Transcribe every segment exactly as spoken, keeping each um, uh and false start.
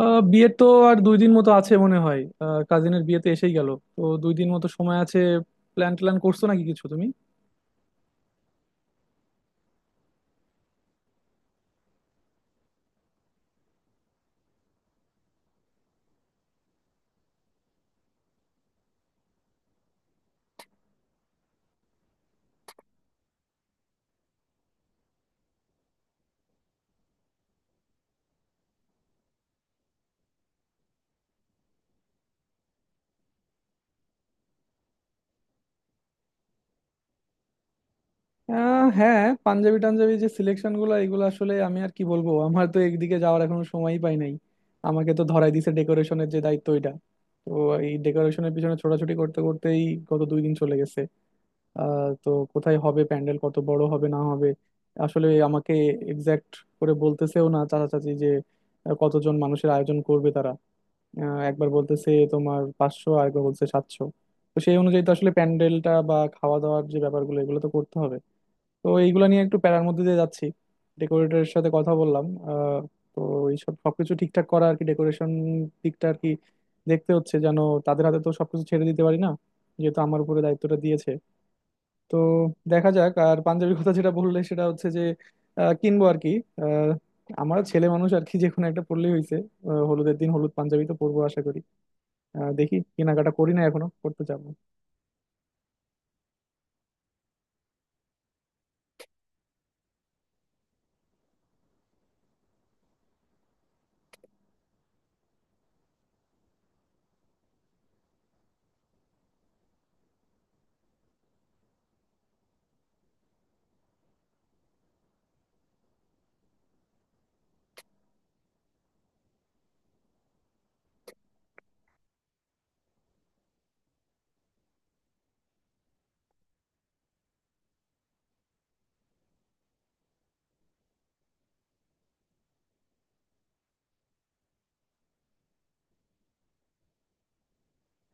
আহ বিয়ে তো আর দুই দিন মতো আছে মনে হয়। আহ কাজিনের বিয়েতে এসেই গেল, তো দুই দিন মতো সময় আছে। প্ল্যান ট্যান করছো নাকি কিছু তুমি? আহ, হ্যাঁ, পাঞ্জাবি টাঞ্জাবি যে সিলেকশন গুলো এগুলো আসলে আমি আর কি বলবো, আমার তো একদিকে যাওয়ার এখনো সময়ই পাই নাই। আমাকে তো ধরাই দিছে ডেকোরেশনের যে দায়িত্ব এটা, তো এই ডেকোরেশনের পিছনে ছোটাছুটি করতে করতেই গত দুই দিন চলে গেছে। আহ তো কোথায় হবে প্যান্ডেল, কত বড় হবে না হবে, আসলে আমাকে এক্সাক্ট করে বলতেছেও না চাচা চাচি যে আহ, কতজন মানুষের আয়োজন করবে তারা। আহ, একবার বলতেছে তোমার পাঁচশো, আর একবার বলছে সাতশো। তো সেই অনুযায়ী তো আসলে প্যান্ডেলটা বা খাওয়া দাওয়ার যে ব্যাপারগুলো এগুলো তো করতে হবে। তো এইগুলো নিয়ে একটু প্যারার মধ্যে দিয়ে যাচ্ছি। ডেকোরেটরের সাথে কথা বললাম। আহ, তো এইসব সবকিছু ঠিকঠাক করা আর কি, ডেকোরেশন দিকটা আর কি দেখতে হচ্ছে, যেন তাদের হাতে তো সবকিছু ছেড়ে দিতে পারি না, যেহেতু আমার উপরে দায়িত্বটা দিয়েছে। তো দেখা যাক। আর পাঞ্জাবির কথা যেটা বললে সেটা হচ্ছে যে আহ, কিনবো আর কি। আহ, আমার ছেলে মানুষ আর কি, যে কোনো একটা পরলেই হয়েছে। হলুদের দিন হলুদ পাঞ্জাবি তো পরবো আশা করি। আহ, দেখি কেনাকাটা করি, না এখনো করতে যাবো।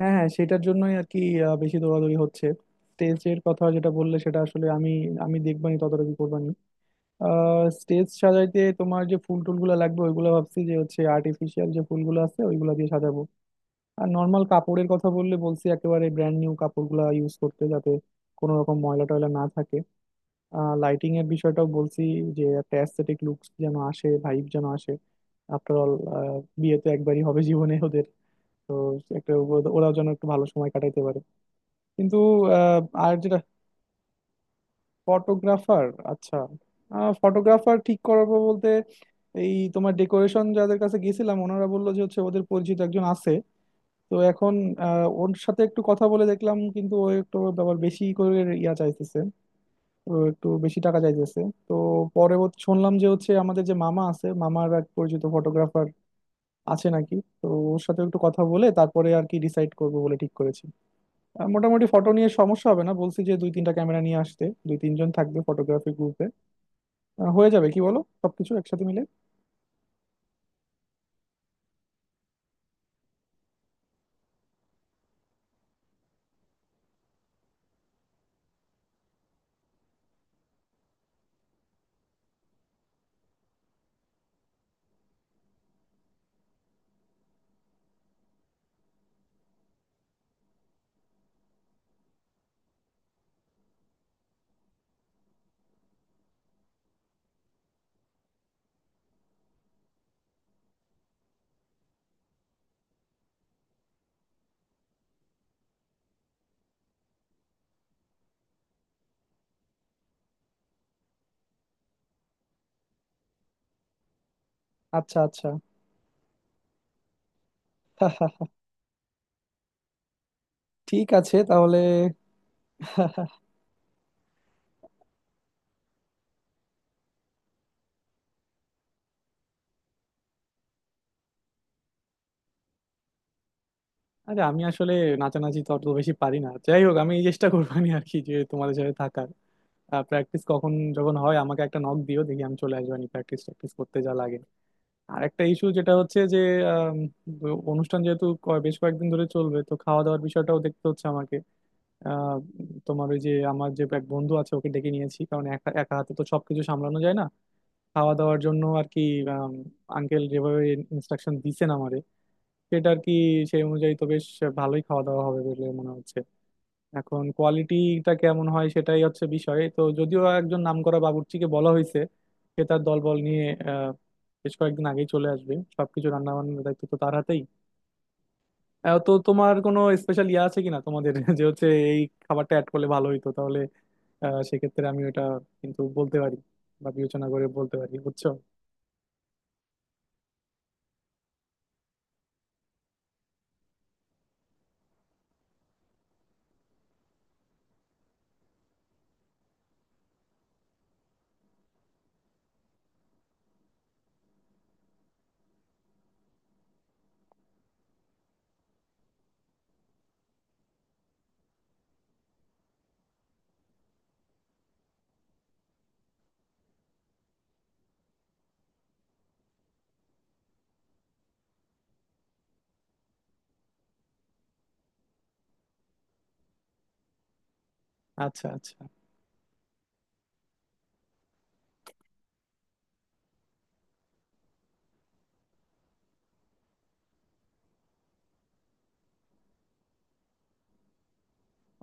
হ্যাঁ হ্যাঁ, সেটার জন্যই আর কি আহ, বেশি দৌড়াদৌড়ি হচ্ছে। স্টেজের কথা যেটা বললে সেটা আসলে আমি আমি দেখবানি, তদারকি করবানি। আহ, স্টেজ সাজাইতে তোমার যে ফুল টুলগুলো লাগবে ওইগুলো ভাবছি যে হচ্ছে, আর্টিফিশিয়াল যে ফুলগুলো আছে ওইগুলো দিয়ে সাজাবো। আর নর্মাল কাপড়ের কথা বললে বলছি একেবারে ব্র্যান্ড নিউ কাপড়গুলা ইউজ করতে, যাতে কোনো রকম ময়লা টয়লা না থাকে। আহ, লাইটিং এর বিষয়টাও বলছি, যে একটা অ্যাস্থেটিক লুকস যেন আসে, ভাইব যেন আসে। আফটার অল, বিয়ে তো একবারই হবে জীবনে ওদের, তো একটা ও- ওরাও যেন একটু ভালো সময় কাটাইতে পারে। কিন্তু আহ, আর যেটা, ফটোগ্রাফার। আচ্ছা, ফটোগ্রাফার ঠিক করবো বলতে, এই তোমার ডেকোরেশন যাদের কাছে গেছিলাম ওনারা বললো যে হচ্ছে ওদের পরিচিত একজন আছে। তো এখন আহ, ওর সাথে একটু কথা বলে দেখলাম, কিন্তু ও একটু আবার বেশি করে ইয়া চাইতেছে, ও একটু বেশি টাকা চাইতেছে। তো পরবর্তী শুনলাম যে হচ্ছে আমাদের যে মামা আছে মামার এক পরিচিত ফটোগ্রাফার আছে নাকি, তো ওর সাথে একটু কথা বলে তারপরে আর কি ডিসাইড করবো বলে ঠিক করেছি। আহ, মোটামুটি ফটো নিয়ে সমস্যা হবে না, বলছি যে দুই তিনটা ক্যামেরা নিয়ে আসতে, দুই তিনজন থাকবে ফটোগ্রাফি গ্রুপে। হয়ে যাবে, কি বলো, সবকিছু একসাথে মিলে। আচ্ছা আচ্ছা, ঠিক আছে তাহলে। আরে আমি আসলে নাচানাচি তো অত বেশি পারি না, যাই হোক আমি এই চেষ্টা করবো নি আর কি যে তোমাদের সাথে থাকার। প্র্যাকটিস কখন যখন হয় আমাকে একটা নক দিও, দেখি আমি চলে আসবো, প্র্যাকটিস প্র্যাকটিস করতে যা লাগে। আর একটা ইস্যু যেটা হচ্ছে যে আম, অনুষ্ঠান যেহেতু ক- বেশ কয়েকদিন ধরে চলবে, তো খাওয়া দাওয়ার বিষয়টাও দেখতে হচ্ছে আমাকে। আহ, তোমার ওই যে আমার যে এক বন্ধু আছে ওকে ডেকে নিয়েছি, কারণ একা একা হাতে তো সবকিছু সামলানো যায় না, খাওয়া দাওয়ার জন্য আর কি। আঙ্কেল যেভাবে ইনস্ট্রাকশন দিছেন আমারে, সেটা আর কি, সেই অনুযায়ী তো বেশ ভালোই খাওয়া দাওয়া হবে বলে মনে হচ্ছে। এখন কোয়ালিটিটা কেমন হয় সেটাই হচ্ছে বিষয়, তো যদিও একজন নামকরা বাবুর্চিকে বলা হয়েছে, সে তার দলবল নিয়ে আহ বেশ কয়েকদিন আগেই চলে আসবে, সবকিছু রান্না বান্নার দায়িত্ব তো তার হাতেই। আহ, তো তোমার কোনো স্পেশাল ইয়ে আছে কিনা তোমাদের যে হচ্ছে এই খাবারটা অ্যাড করলে ভালো হইতো তাহলে। আহ, সেক্ষেত্রে আমি ওটা কিন্তু বলতে পারি বা বিবেচনা করে বলতে পারি, বুঝছো। আচ্ছা আচ্ছা।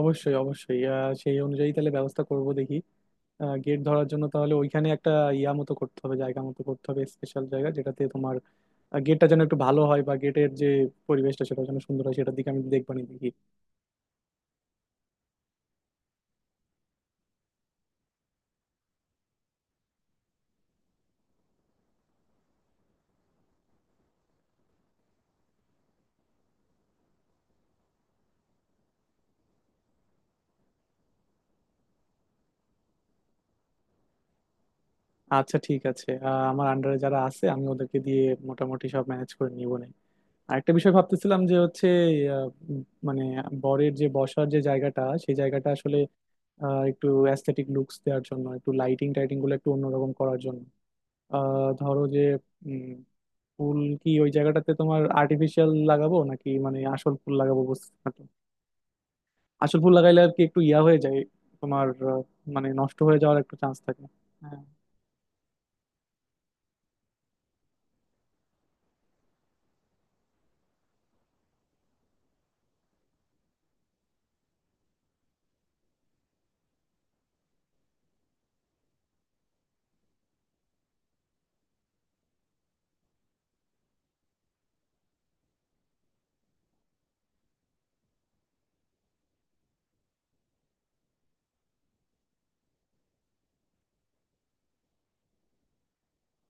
অবশ্যই অবশ্যই। আহ, সেই অনুযায়ী তাহলে ব্যবস্থা করব, দেখি। গেট ধরার জন্য তাহলে ওইখানে একটা ইয়া মতো করতে হবে, জায়গা মতো করতে হবে, স্পেশাল জায়গা যেটাতে তোমার গেটটা যেন একটু ভালো হয় বা গেটের যে পরিবেশটা সেটা যেন সুন্দর হয়, সেটার দিকে আমি দেখবানি, দেখি। আচ্ছা ঠিক আছে। আহ, আমার আন্ডারে যারা আছে আমি ওদেরকে দিয়ে মোটামুটি সব ম্যানেজ করে নিবো না। আরেকটা বিষয় ভাবতেছিলাম যে হচ্ছে আহ, উম, মানে বরের যে বসার যে জায়গাটা সেই জায়গাটা আসলে আহ, একটু অ্যাস্থেটিক লুকস দেওয়ার জন্য একটু লাইটিং টাইটিং গুলো একটু অন্যরকম করার জন্য আহ, ধরো যে উম, ফুল কি ওই জায়গাটাতে তোমার আর্টিফিশিয়াল লাগাবো নাকি মানে আসল ফুল লাগাবো, বুঝতে পারছো? আসল ফুল লাগাইলে আর কি একটু ইয়া হয়ে যায় তোমার, আহ, মানে নষ্ট হয়ে যাওয়ার একটু চান্স থাকে। হ্যাঁ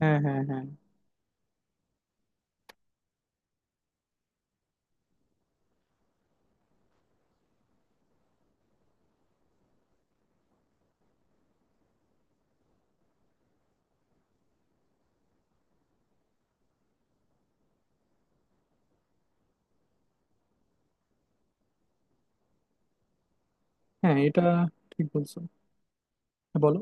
হ্যাঁ হ্যাঁ হ্যাঁ হ্যাঁ এটা ঠিক বলছো। হ্যাঁ, বলো।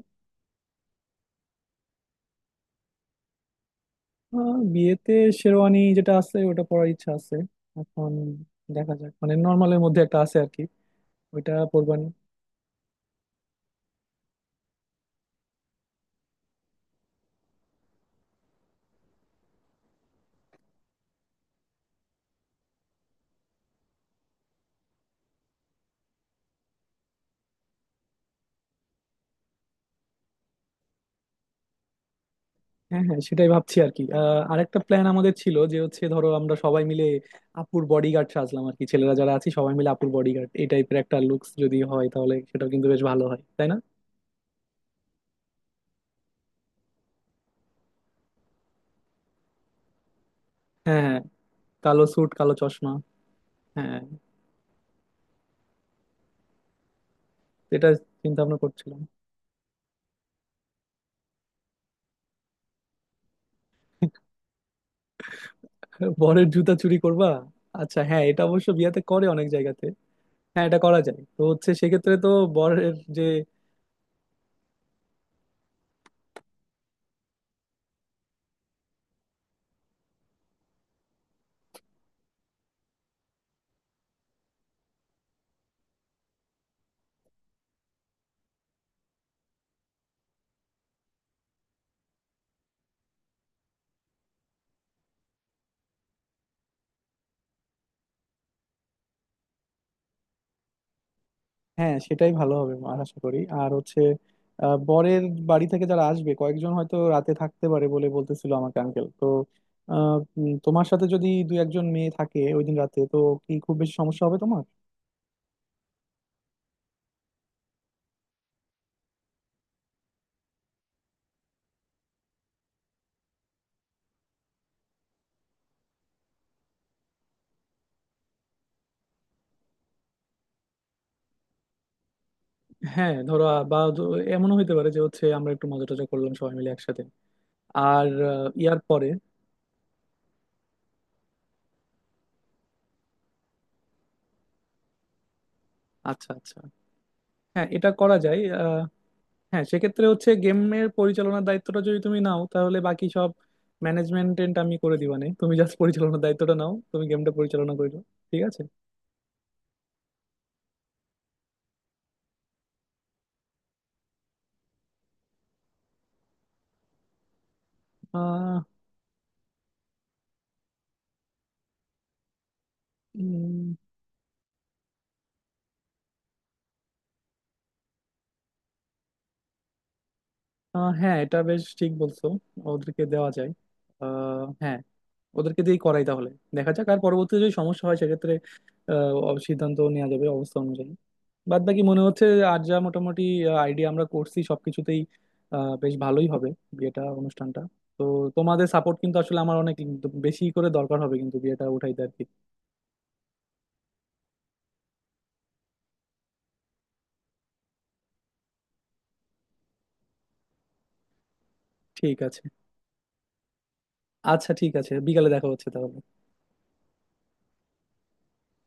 আহ, বিয়েতে শেরওয়ানি যেটা আছে ওটা পরার ইচ্ছা আছে। এখন দেখা যাক, মানে নর্মালের মধ্যে একটা আছে আর কি, ওইটা পরবো। হ্যাঁ হ্যাঁ, সেটাই ভাবছি আর কি। আহ, আরেকটা প্ল্যান আমাদের ছিল যে হচ্ছে ধরো আমরা সবাই মিলে আপুর বডিগার্ড সাজলাম আর কি, ছেলেরা যারা আছি সবাই মিলে আপুর বডিগার্ড, এই টাইপের একটা লুকস যদি হয় তাহলে সেটাও কিন্তু বেশ ভালো হয়, তাই না? হ্যাঁ হ্যাঁ। কালো স্যুট, কালো চশমা। হ্যাঁ। এটা চিন্তা ভাবনা করছিলাম। বরের জুতা চুরি করবা? আচ্ছা হ্যাঁ, এটা অবশ্য বিয়াতে করে অনেক জায়গাতে। হ্যাঁ এটা করা যায়, তো হচ্ছে সেক্ষেত্রে তো বরের যে। হ্যাঁ সেটাই ভালো হবে আমার আশা করি। আর হচ্ছে আহ, বরের বাড়ি থেকে যারা আসবে কয়েকজন হয়তো রাতে থাকতে পারে বলে বলতেছিল আমাকে আঙ্কেল। তো আহ, উম, তোমার সাথে যদি দুই একজন মেয়ে থাকে ওই দিন রাতে, তো কি খুব বেশি সমস্যা হবে তোমার? হ্যাঁ ধরো আ- বা ধ- এমনও হইতে পারে যে হচ্ছে আমরা একটু মজা টজা করলাম সবাই মিলে একসাথে, আর আহ, ইয়ার পরে। আচ্ছা আচ্ছা, হ্যাঁ এটা করা যায়। হ্যাঁ সেক্ষেত্রে হচ্ছে গেমের পরিচালনার দায়িত্বটা যদি তুমি নাও, তাহলে বাকি সব ম্যানেজমেন্ট আমি করে দিবানে, তুমি জাস্ট পরিচালনার দায়িত্বটা নাও, তুমি গেমটা পরিচালনা করে দাও। ঠিক আছে। আহ আহ হ্যাঁ এটা বেশ ঠিক বলছো, ওদেরকে দেওয়া যায়। আহ হ্যাঁ, ওদেরকে দিয়েই করাই তাহলে। দেখা যাক, আর পরবর্তীতে যদি সমস্যা হয় সেক্ষেত্রে আহ, অব- সিদ্ধান্ত নেওয়া যাবে অবস্থা অনুযায়ী। বাদ বাকি মনে হচ্ছে আর যা মোটামুটি আইডিয়া আমরা করছি সবকিছুতেই আহ, বেশ ভালোই হবে বিয়েটা, অনুষ্ঠানটা। তো তোমাদের সাপোর্ট কিন্তু আসলে আমার অনেক বেশি করে দরকার হবে কিন্তু বিয়েটা উঠাইতে আর কি। ঠিক আছে। আচ্ছা ঠিক আছে, বিকালে দেখা হচ্ছে তাহলে।